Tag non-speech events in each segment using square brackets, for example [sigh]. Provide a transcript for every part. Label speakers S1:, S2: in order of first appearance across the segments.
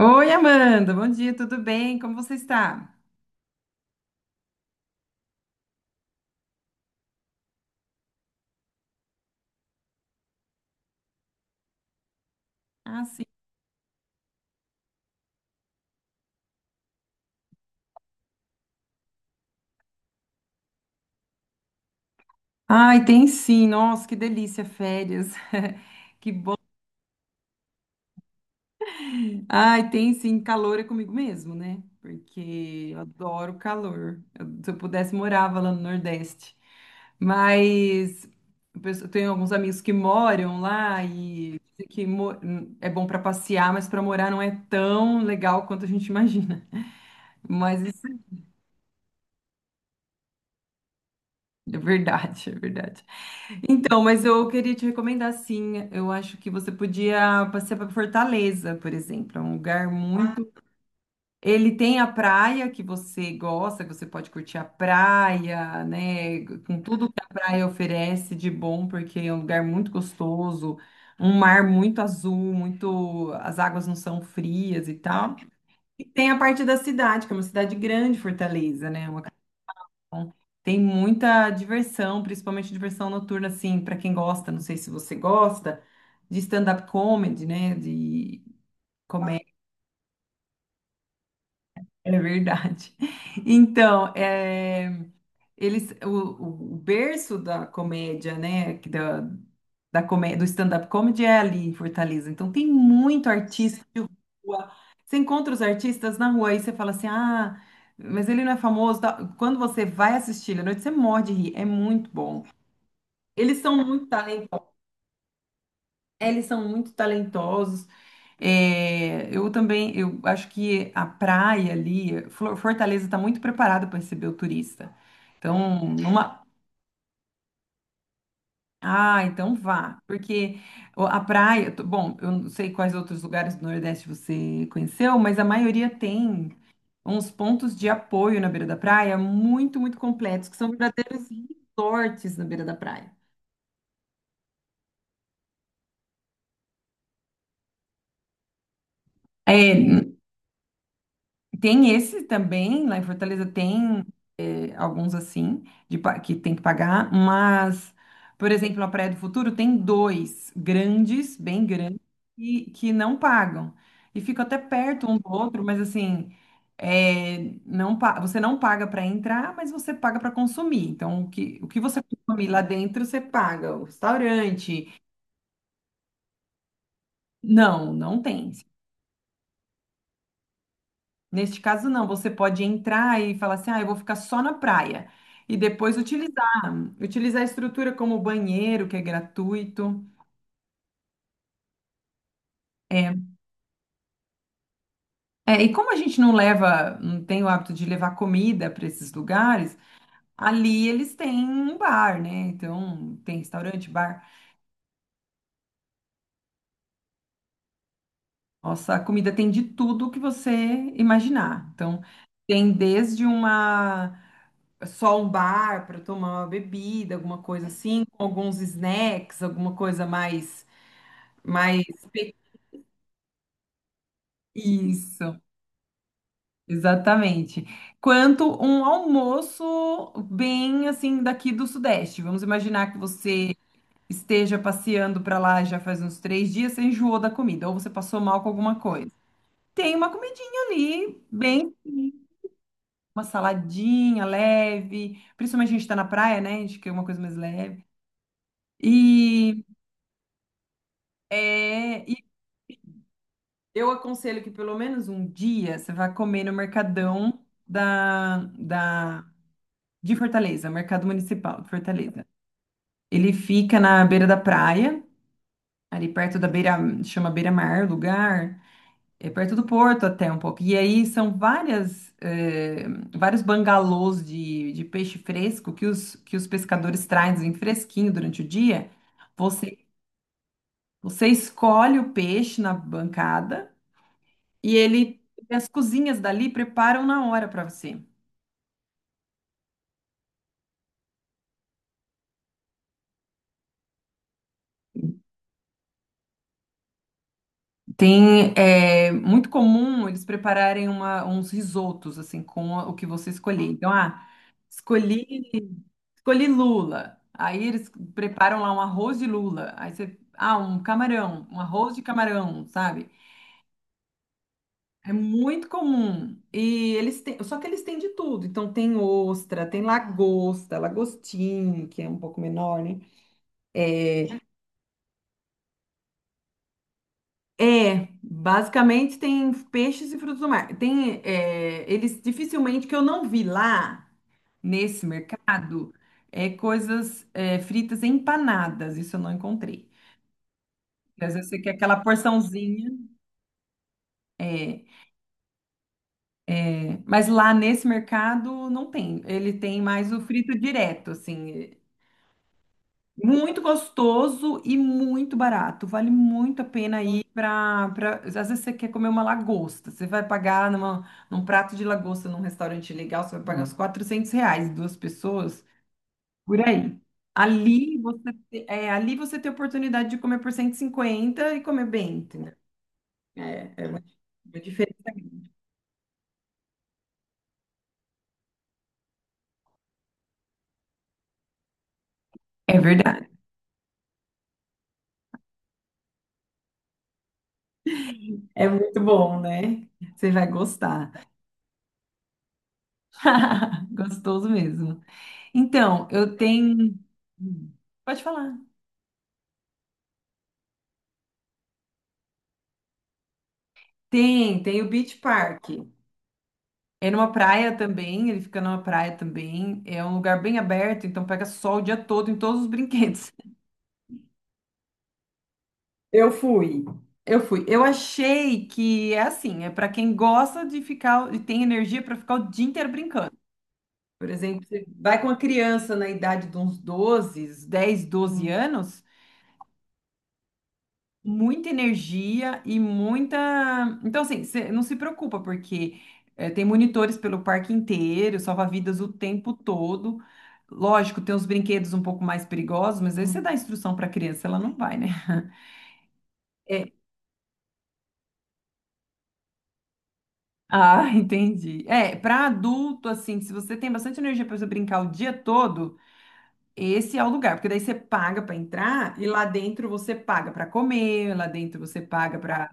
S1: Oi, Amanda, bom dia, tudo bem? Como você está? Ah, sim. Ai, tem sim, nossa, que delícia, férias. [laughs] Que... Ai, tem sim, calor é comigo mesmo, né? Porque eu adoro calor. Se eu pudesse, morava lá no Nordeste. Mas eu tenho alguns amigos que moram lá e dizem que é bom para passear, mas para morar não é tão legal quanto a gente imagina. [laughs] Mas isso é verdade, é verdade. Então, mas eu queria te recomendar sim. Eu acho que você podia passear para Fortaleza, por exemplo. É um lugar muito. Ele tem a praia que você gosta, que você pode curtir a praia, né? Com tudo que a praia oferece de bom, porque é um lugar muito gostoso, um mar muito azul, muito. As águas não são frias e tal. E tem a parte da cidade, que é uma cidade grande, Fortaleza, né? Uma Bom, tem muita diversão, principalmente diversão noturna, assim, para quem gosta, não sei se você gosta, de stand-up comedy, né? De comédia, é verdade. [laughs] Então, é, eles, o berço da comédia, né? Da comédia, do stand-up comedy é ali em Fortaleza. Então, tem muito artista de rua. Você encontra os artistas na rua e você fala assim, ah, mas ele não é famoso, tal. Quando você vai assistir ele à noite, você morre de rir. É muito bom. Eles são muito talentosos, eles são muito talentosos. É, eu também, eu acho que a praia ali, Fortaleza está muito preparada para receber o turista. Então, então vá, porque a praia, bom, eu não sei quais outros lugares do Nordeste você conheceu, mas a maioria tem uns pontos de apoio na beira da praia muito, muito completos, que são verdadeiros resorts na beira da praia. É, tem esse também, lá em Fortaleza tem alguns assim, de, que tem que pagar, mas, por exemplo, a Praia do Futuro tem dois grandes, bem grandes, que não pagam. E fica até perto um do outro, mas assim, é, não, você não paga para entrar, mas você paga para consumir. Então, o que você consumir lá dentro, você paga. O restaurante. Não, não tem. Neste caso, não. Você pode entrar e falar assim, ah, eu vou ficar só na praia. E depois utilizar a estrutura como banheiro, que é gratuito. É, é, e como a gente não leva, não tem o hábito de levar comida para esses lugares, ali eles têm um bar, né? Então, tem restaurante, bar. Nossa, a comida tem de tudo que você imaginar. Então, tem desde uma só um bar para tomar uma bebida, alguma coisa assim, com alguns snacks, alguma coisa mais. Mas isso, exatamente. Quanto um almoço bem assim daqui do Sudeste. Vamos imaginar que você esteja passeando para lá já faz uns 3 dias, você enjoou da comida, ou você passou mal com alguma coisa. Tem uma comidinha ali, bem, uma saladinha leve, principalmente a gente está na praia, né? A gente quer uma coisa mais leve. E, e eu aconselho que pelo menos um dia você vá comer no mercadão da, da de Fortaleza, Mercado Municipal de Fortaleza. Ele fica na beira da praia, ali perto da beira, chama Beira-Mar, o lugar, é perto do porto até um pouco. E aí são vários bangalôs de peixe fresco que os pescadores trazem fresquinho durante o dia. Você, Você escolhe o peixe na bancada e ele, as cozinhas dali preparam na hora para você. Tem, é muito comum eles prepararem uns risotos, assim, com o que você escolher. Então, ah, escolhi, escolhi lula. Aí eles preparam lá um arroz de lula. Aí você, ah, um camarão, um arroz de camarão, sabe? É muito comum. E eles têm, só que eles têm de tudo. Então, tem ostra, tem lagosta, lagostim, que é um pouco menor, né? Basicamente tem peixes e frutos do mar. Tem, é, eles dificilmente que eu não vi lá nesse mercado é coisas é, fritas empanadas. Isso eu não encontrei. Porque às vezes você quer aquela porçãozinha, é, mas lá nesse mercado não tem. Ele tem mais o frito direto, assim. Muito gostoso e muito barato. Vale muito a pena ir para, para... Às vezes você quer comer uma lagosta. Você vai pagar numa, num prato de lagosta num restaurante legal, você vai pagar uns R$ 400, duas pessoas, por aí. Ali você, é, ali você tem a oportunidade de comer por 150 e comer bem, entendeu? É, é uma diferença. É verdade. É muito bom, né? Você vai gostar. [laughs] Gostoso mesmo. Então, eu tenho... Hum, Pode falar. Tem o Beach Park. É numa praia também, ele fica numa praia também. É um lugar bem aberto, então pega sol o dia todo em todos os brinquedos. [laughs] Eu fui. Eu fui. Eu achei que é assim, é para quem gosta de ficar e tem energia para ficar o dia inteiro brincando. Por exemplo, você vai com uma criança na idade de uns 12 anos, muita energia e muita. Então, assim, você não se preocupa, porque tem monitores pelo parque inteiro, salva-vidas o tempo todo. Lógico, tem uns brinquedos um pouco mais perigosos, mas aí você dá instrução para a criança, ela não vai, né? É. Ah, [laughs] entendi. É, para adulto, assim, se você tem bastante energia para você brincar o dia todo, esse é o lugar, porque daí você paga para entrar e lá dentro você paga para comer, lá dentro você paga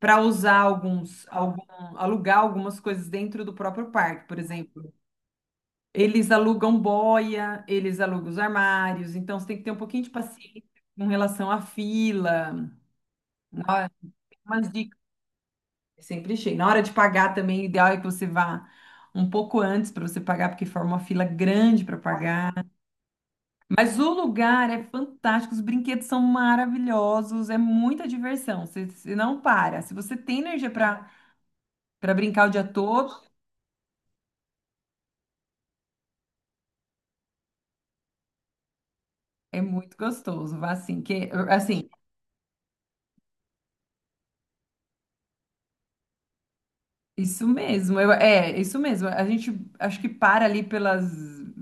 S1: para usar algum, alugar algumas coisas dentro do próprio parque, por exemplo. Eles alugam boia, eles alugam os armários, então você tem que ter um pouquinho de paciência com relação à fila. Na hora- Tem umas dicas sempre achei. Na hora de pagar também, o ideal é que você vá um pouco antes para você pagar, porque forma uma fila grande para pagar. Mas o lugar é fantástico, os brinquedos são maravilhosos, é muita diversão. Você não para. Se você tem energia para brincar o dia todo, é muito gostoso, vá assim, que, assim, isso mesmo, é, isso mesmo, a gente, acho que para ali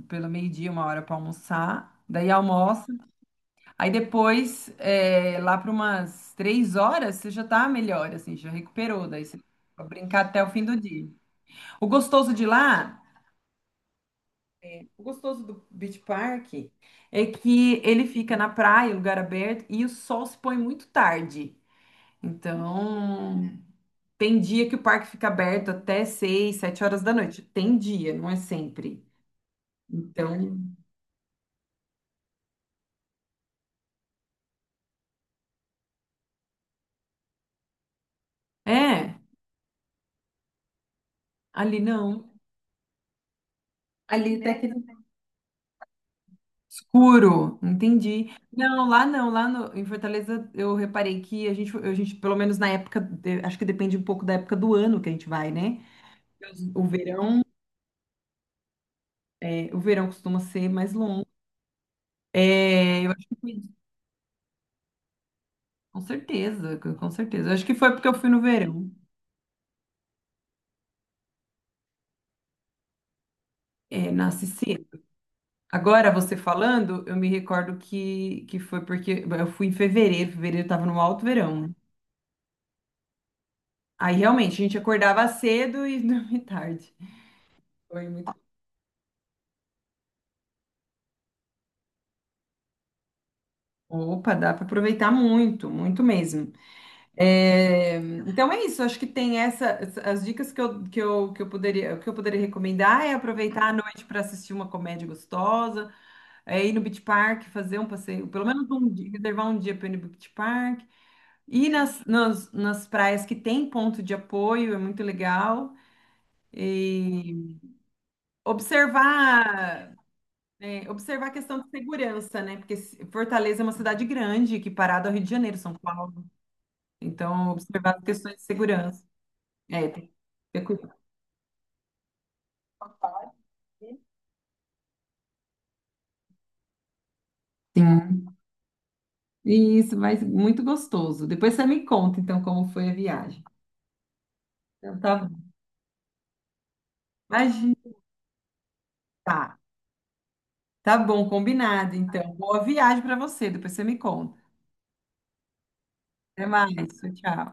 S1: pelo meio-dia, uma hora para almoçar, daí almoça, aí depois, é, lá para umas 3 horas, você já tá melhor, assim, já recuperou, daí você vai brincar até o fim do dia. O gostoso de lá, o gostoso do Beach Park é que ele fica na praia, lugar aberto, e o sol se põe muito tarde, então... Tem dia que o parque fica aberto até seis, sete horas da noite. Tem dia, não é sempre. Então, é, ali não. Ali até que escuro, entendi. Não, lá não, lá no- em Fortaleza eu reparei que a gente, pelo menos na época, acho que depende um pouco da época do ano que a gente vai, né? O verão, o verão costuma ser mais longo. É, eu acho que foi, com certeza, com certeza. Eu acho que foi porque eu fui no verão, é, na agora, você falando, eu me recordo que foi porque eu fui em fevereiro, fevereiro tava no alto verão, né? Aí realmente a gente acordava cedo e [laughs] dormia tarde. Foi muito. Opa, dá para aproveitar muito, muito mesmo. É, então é isso, acho que tem as dicas que que eu poderia, recomendar é aproveitar a noite para assistir uma comédia gostosa, é ir no Beach Park, fazer um passeio, pelo menos um dia, reservar um dia para ir no Beach Park. E nas praias que tem ponto de apoio, é muito legal. E observar, observar a questão de segurança, né? Porque Fortaleza é uma cidade grande, que parado ao Rio de Janeiro, São Paulo. Então, observar as questões de segurança. É, tem que ter cuidado. Sim. E isso mas muito gostoso. Depois você me conta, então, como foi a viagem. Então, tá bom. Imagina. Tá, tá bom, combinado, então. Boa viagem para você, depois você me conta. Até mais, tchau.